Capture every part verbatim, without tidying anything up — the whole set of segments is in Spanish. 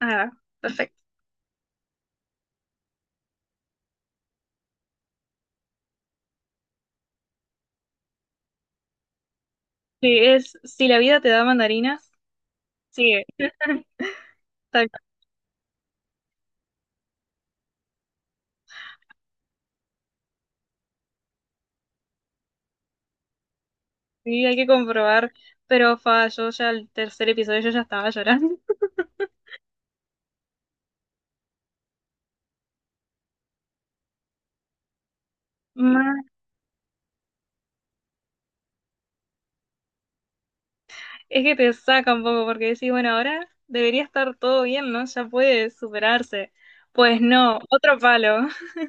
Ah, perfecto. Sí, es, si la vida te da mandarinas, sí, exacto. Sí, hay que comprobar. Pero fa, yo ya el tercer episodio yo ya estaba llorando. Ma, es que te saca un poco porque decís, bueno, ahora debería estar todo bien, ¿no? Ya puede superarse. Pues no, otro palo.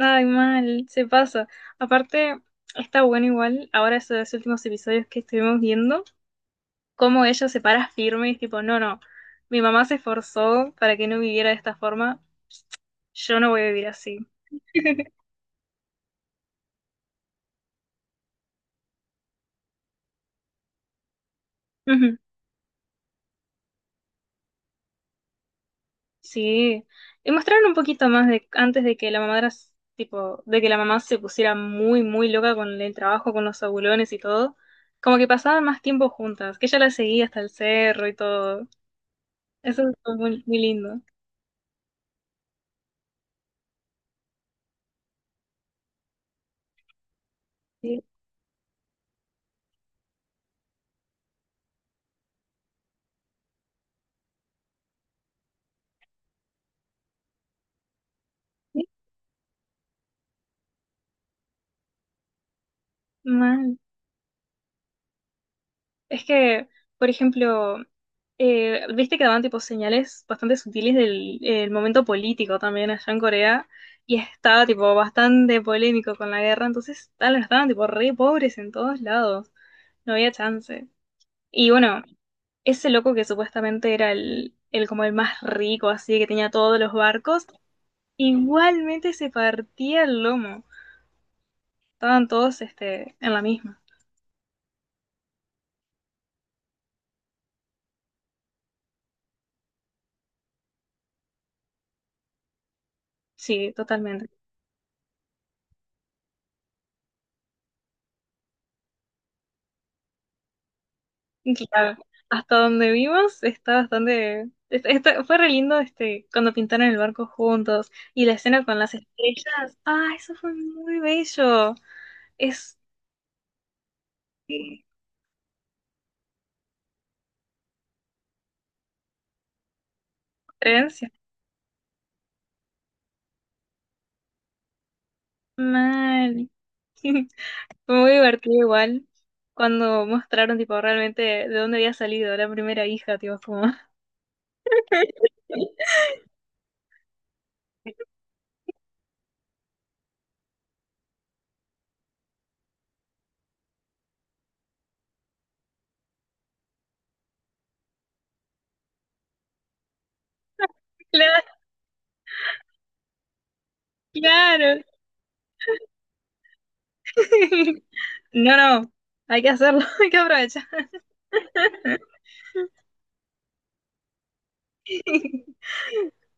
Ay, mal, se pasa. Aparte, está bueno igual, ahora esos últimos episodios que estuvimos viendo, cómo ella se para firme y es tipo, no, no, mi mamá se esforzó para que no viviera de esta forma. Yo no voy a vivir así. Ujú. Sí, y mostraron un poquito más de antes de que la mamá era s- tipo, de que la mamá se pusiera muy, muy loca con el trabajo, con los abulones y todo, como que pasaban más tiempo juntas, que ella la seguía hasta el cerro y todo. Eso es muy, muy lindo. Sí, sí, mal. Es que, por ejemplo, eh, viste que daban tipo señales bastante sutiles del el momento político también allá en Corea y estaba tipo bastante polémico con la guerra, entonces tal, estaban tipo re pobres en todos lados, no había chance. Y bueno, ese loco que supuestamente era el, el como el más rico, así que tenía todos los barcos, igualmente se partía el lomo, estaban todos este, en la misma. Sí, totalmente. Claro, hasta donde vimos está bastante... es- está- fue re lindo este, cuando pintaron el barco juntos y la escena con las estrellas. Ah, eso fue muy bello. Es sí, creencia. Mal. Fue muy divertido igual cuando mostraron tipo realmente de dónde había salido la primera hija, tipo como... Claro, claro. No, no, hay que hacerlo, hay que aprovechar.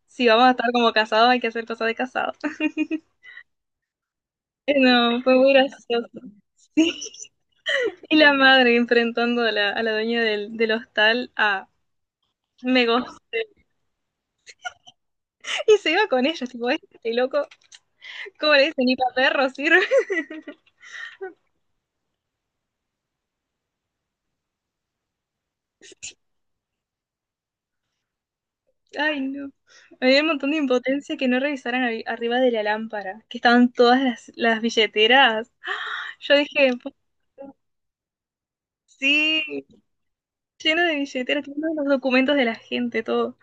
Si vamos a estar como casados, hay que hacer cosas de casados. No, fue muy gracioso. Sí. Y la madre enfrentando a la, a la dueña del, del hostal a Megos. Y se iba con ellos, tipo, este loco, ¿cómo le dicen? Ni para perro sirve. Ay, no. Había un montón de impotencia que no revisaran arri- arriba de la lámpara, que estaban todas las, las billeteras. Yo dije, "Po- sí, lleno de billeteras, lleno de los documentos de la gente, todo.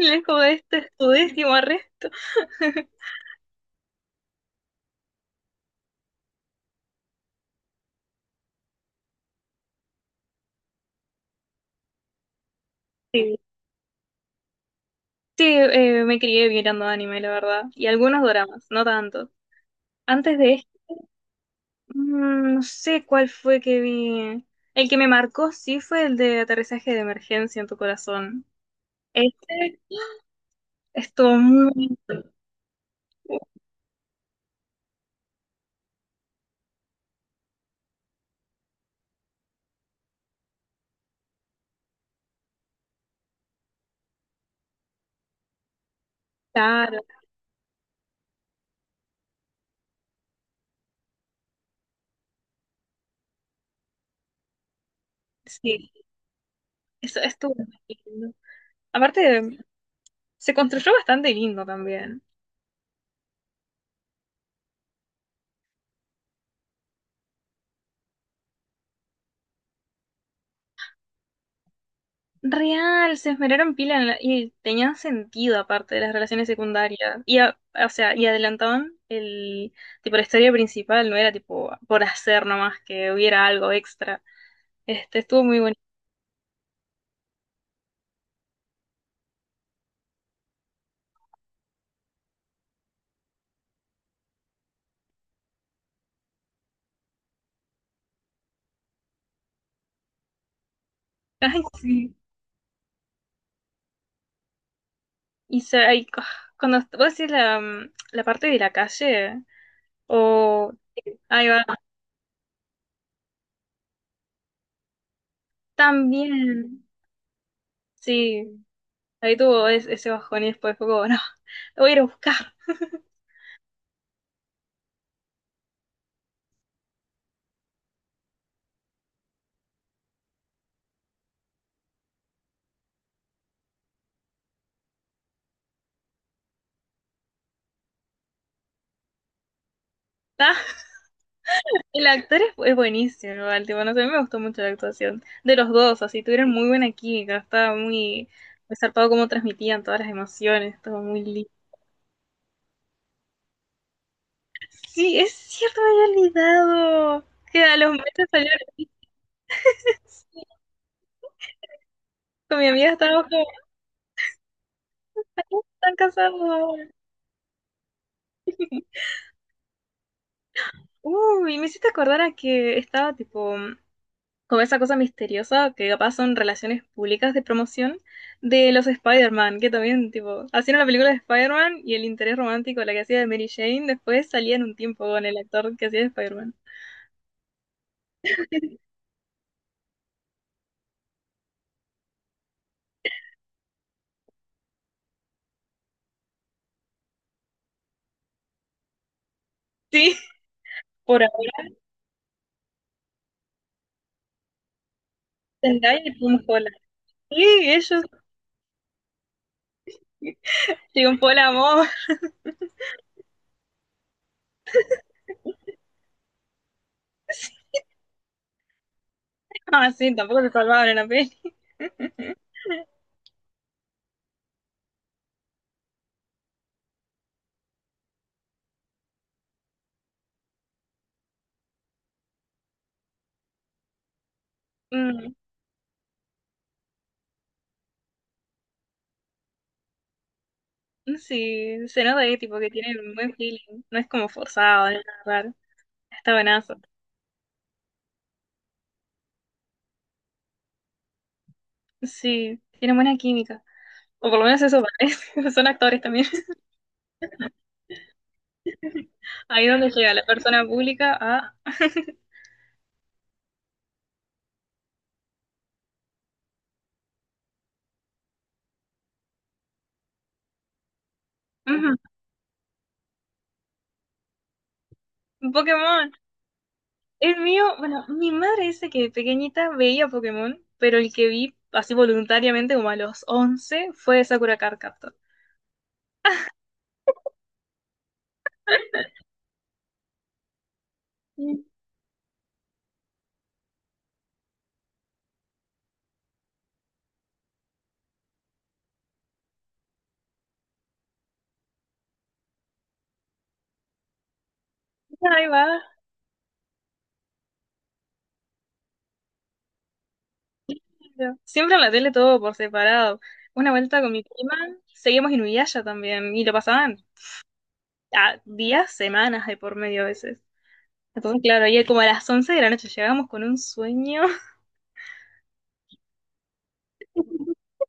Y es como, este es tu décimo arresto. Sí. Sí, eh, me crié mirando anime, la verdad. Y algunos doramas, no tanto. Antes de este, mm, no sé cuál fue que vi. El que me marcó sí fue el de aterrizaje de emergencia en tu corazón. Este estuvo muy caro. Sí, eso estuvo muy lindo. Aparte, se construyó bastante lindo también. Real, se esmeraron pila en la- y tenían sentido aparte de las relaciones secundarias. Y, a- o sea, y adelantaban el, tipo, la historia principal, no era tipo por hacer nomás que hubiera algo extra. Este, estuvo muy bonito. Ay, sí. Y se, ay, cu- cuando est- vos decís la, mm, la parte de la calle, o, ahí va, también, sí, ahí tuvo es- ese bajón y después fue como, no, lo voy a ir a buscar. Ah. El actor es, es buenísimo, igual, tipo, no sé, a mí me gustó mucho la actuación de los dos, así tuvieron muy buena química, estaba muy, muy zarpado cómo transmitían todas las emociones, estaba muy lindo. Sí, es cierto, me había olvidado que a los meses salieron con mi amiga, estábamos como, están casados. Uy, me hiciste acordar a que estaba tipo como esa cosa misteriosa que capaz son relaciones públicas de promoción de los Spider-Man, que también, tipo, hacían la película de Spider-Man y el interés romántico, la que hacía de Mary Jane, después salía en un tiempo con el actor que hacía de Spider-Man. Sí, por ahora Zendaya y Tom Holland. Sí, ellos un por el amor. Sí. Ah, sí, tampoco se salvaron en la peli. Mm, sí, se nota ahí, tipo, que tienen un buen feeling. No es como forzado, no es nada raro. Está buenazo. Sí, tienen buena química. O por lo menos eso parece. Son actores también. Ahí donde llega la persona pública a Ujú, Pokémon. El mío, bueno, mi madre dice que de pequeñita veía Pokémon, pero el que vi así voluntariamente como a los once fue Sakura Card Captor. Y ahí va. Siempre en la tele todo por separado. Una vuelta con mi prima, seguimos Inuyasha también y lo pasaban a días, semanas de por medio a veces. Entonces, claro, ayer como a las once de la noche llegamos con un sueño.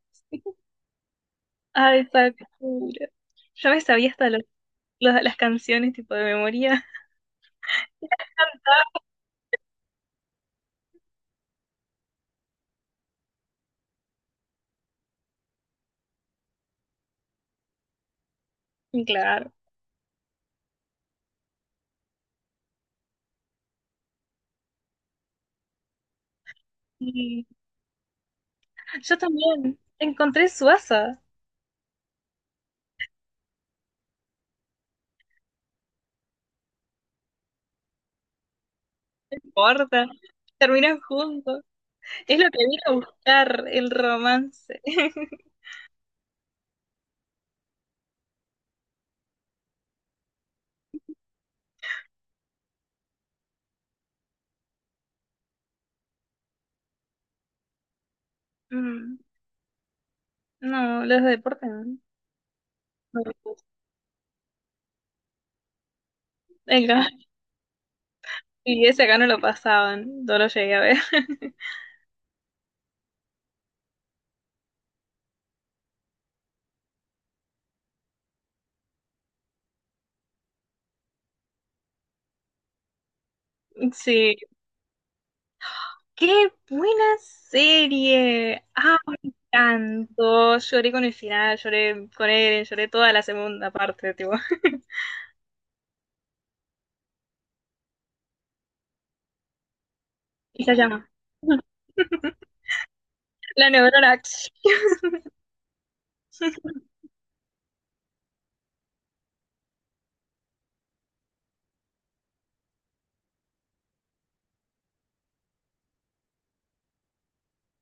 Ay, Sakura. Yo me sabía hasta las, las canciones tipo de memoria. Claro. Y yo también encontré suasa. No importa. Terminan juntos. Es lo que vine a buscar el romance. Mm. No, los deportes no. No lo puse. Venga, y ese acá no lo pasaban, no lo llegué a ver. Sí. ¡Qué buena serie! ¡Ah, me encantó! Lloré con el final, lloré con él, lloré toda la segunda parte, tipo. Y se llama. La neurona.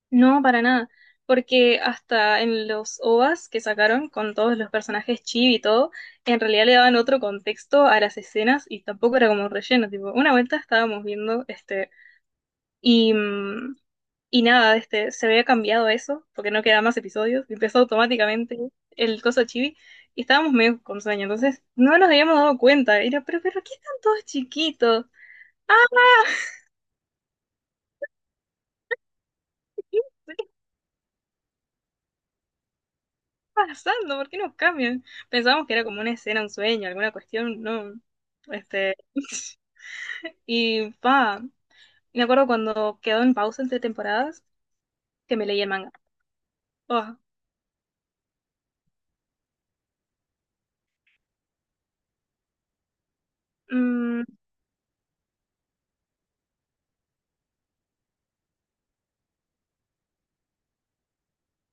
No, para nada. Porque hasta en los O V As que sacaron con todos los personajes chibi y todo, en realidad le daban otro contexto a las escenas y tampoco era como relleno. Tipo, una vuelta estábamos viendo este. Y, mm, y nada, este, se había cambiado eso porque no quedaban más episodios. Y empezó automáticamente el coso chibi y estábamos medio con sueño. Entonces no nos habíamos dado cuenta. Era, pero, pero, ¿qué están todos chiquitos? Ah, pasando? ¿Por qué no cambian? Pensábamos que era como una escena, un sueño, alguna cuestión, no. Este. Y pa, me acuerdo cuando quedó en pausa entre temporadas que me leí el manga. Oh, mm,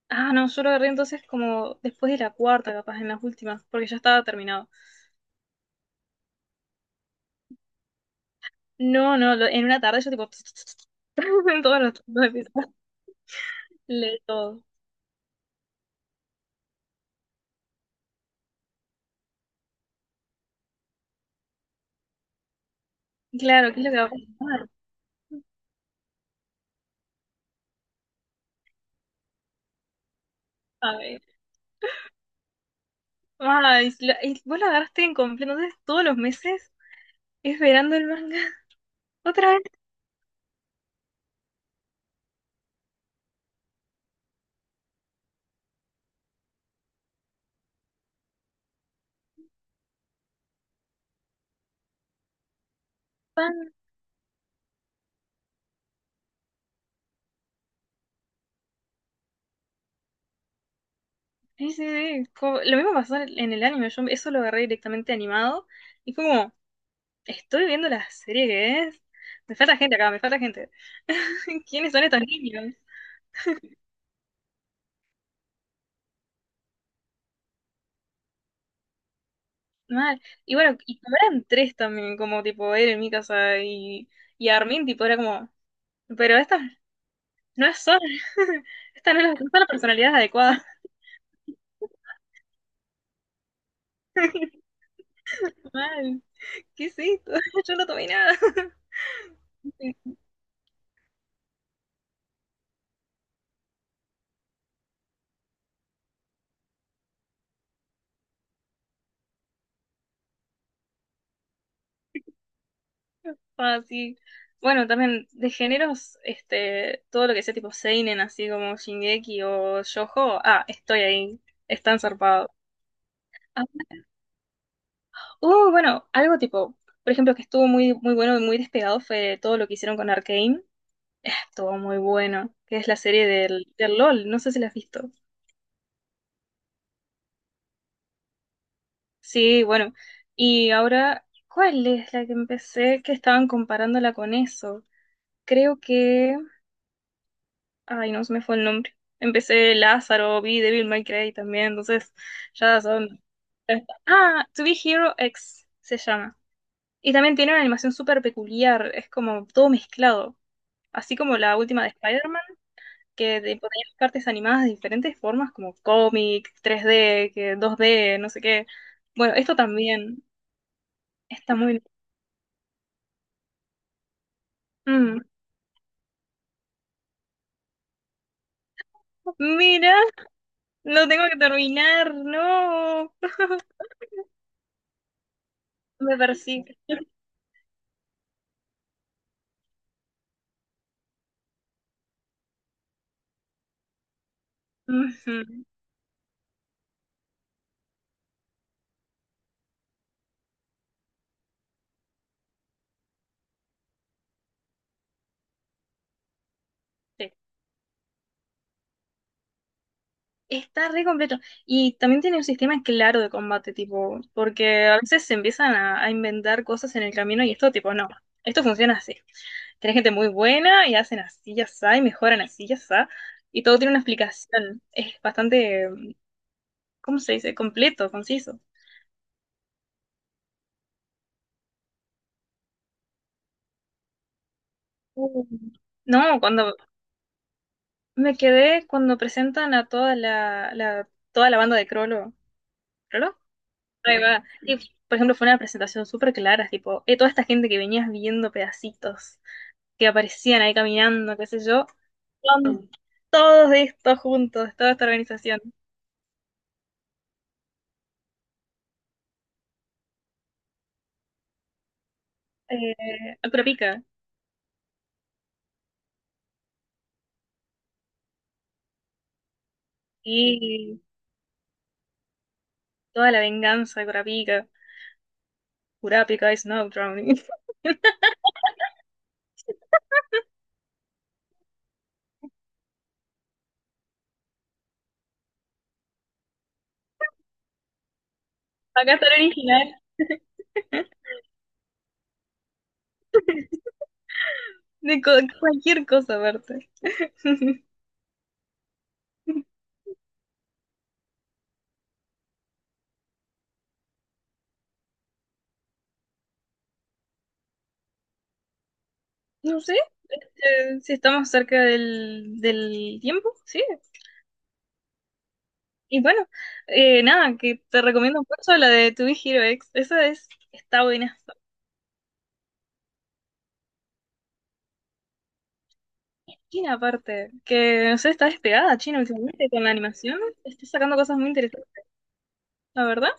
ah, no, yo lo agarré entonces como después de la cuarta, capaz, en las últimas, porque ya estaba terminado. No, no, lo- en una tarde yo tipo en todos los los episodios leí todo. Claro, ¿qué es lo que va a pasar? A ver. Ay, la- y vos lo agarraste en completo, entonces todos los meses esperando el manga. Otra Pan, sí, sí, sí. Como- lo mismo pasó en en el anime, yo eso lo agarré directamente animado y fue como, estoy viendo la serie que es. Me falta gente acá, me falta gente. ¿Quiénes son estos niños? Mal. Y bueno, y como eran tres también, como tipo él, en mi casa y, y Armin, tipo era como, pero estas no son, estas no son las personalidades adecuadas. Mal, ¿qué es esto? Yo no tomé nada. Ah, sí. Bueno, también de géneros, este, todo lo que sea tipo seinen, así como Shingeki o Shoujo, ah, estoy ahí, están zarpados. Ah, uh, bueno, algo tipo, por ejemplo, que estuvo muy, muy bueno y muy despegado fue todo lo que hicieron con Arcane. Eh, Estuvo muy bueno, que es la serie del, del LOL, no sé si la has visto. Sí, bueno. Y ahora, ¿cuál es la que empecé que estaban comparándola con eso? Creo que ay, no se me fue el nombre. Empecé Lázaro, vi Devil May Cry también, entonces ya son... Ah, To Be Hero X se llama. Y también tiene una animación súper peculiar, es como todo mezclado. Así como la última de Spider-Man, que te ponía cartas animadas de diferentes formas, como cómic, tres D, que dos D, no sé qué. Bueno, esto también está muy... Mm, mira, lo tengo que terminar, no. Me persigue. Ujú, sí. Está re completo. Y también tiene un sistema claro de combate, tipo, porque a veces se empiezan a, a inventar cosas en el camino y esto, tipo, no, esto funciona así. Tenés gente muy buena y hacen así y asá y mejoran así y asá. Y todo tiene una explicación. Es bastante, ¿cómo se dice? Completo, conciso. Uh. No, cuando me quedé, cuando presentan a toda la, la- toda la banda de Crollo. ¿Crollo? Ahí va. Y, por ejemplo, fue una presentación súper clara, tipo, eh, toda esta gente que venías viendo pedacitos que aparecían ahí caminando, qué sé yo, son todos estos juntos, toda esta organización. Eh, Curapica y toda la venganza de Curapica, is y drowning. Acá está el original de co- cualquier cosa aparte. No sé eh, si estamos cerca del, del tiempo, sí. Y bueno, eh, nada, que te recomiendo mucho la de To Be Hero X. Esa es, está buena. China aparte, que no sé, está despegada China últimamente con la animación, está sacando cosas muy interesantes, la verdad.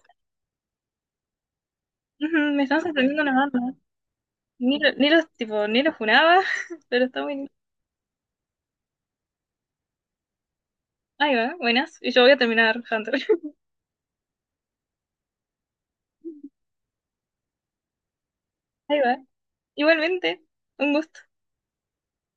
Ujú, me están sorprendiendo las bandas. Ni, lo- ni los tipo, ni los funaba, pero está muy. Ahí va, buenas. Y yo voy a terminar Hunter. Ahí va. Igualmente, un gusto.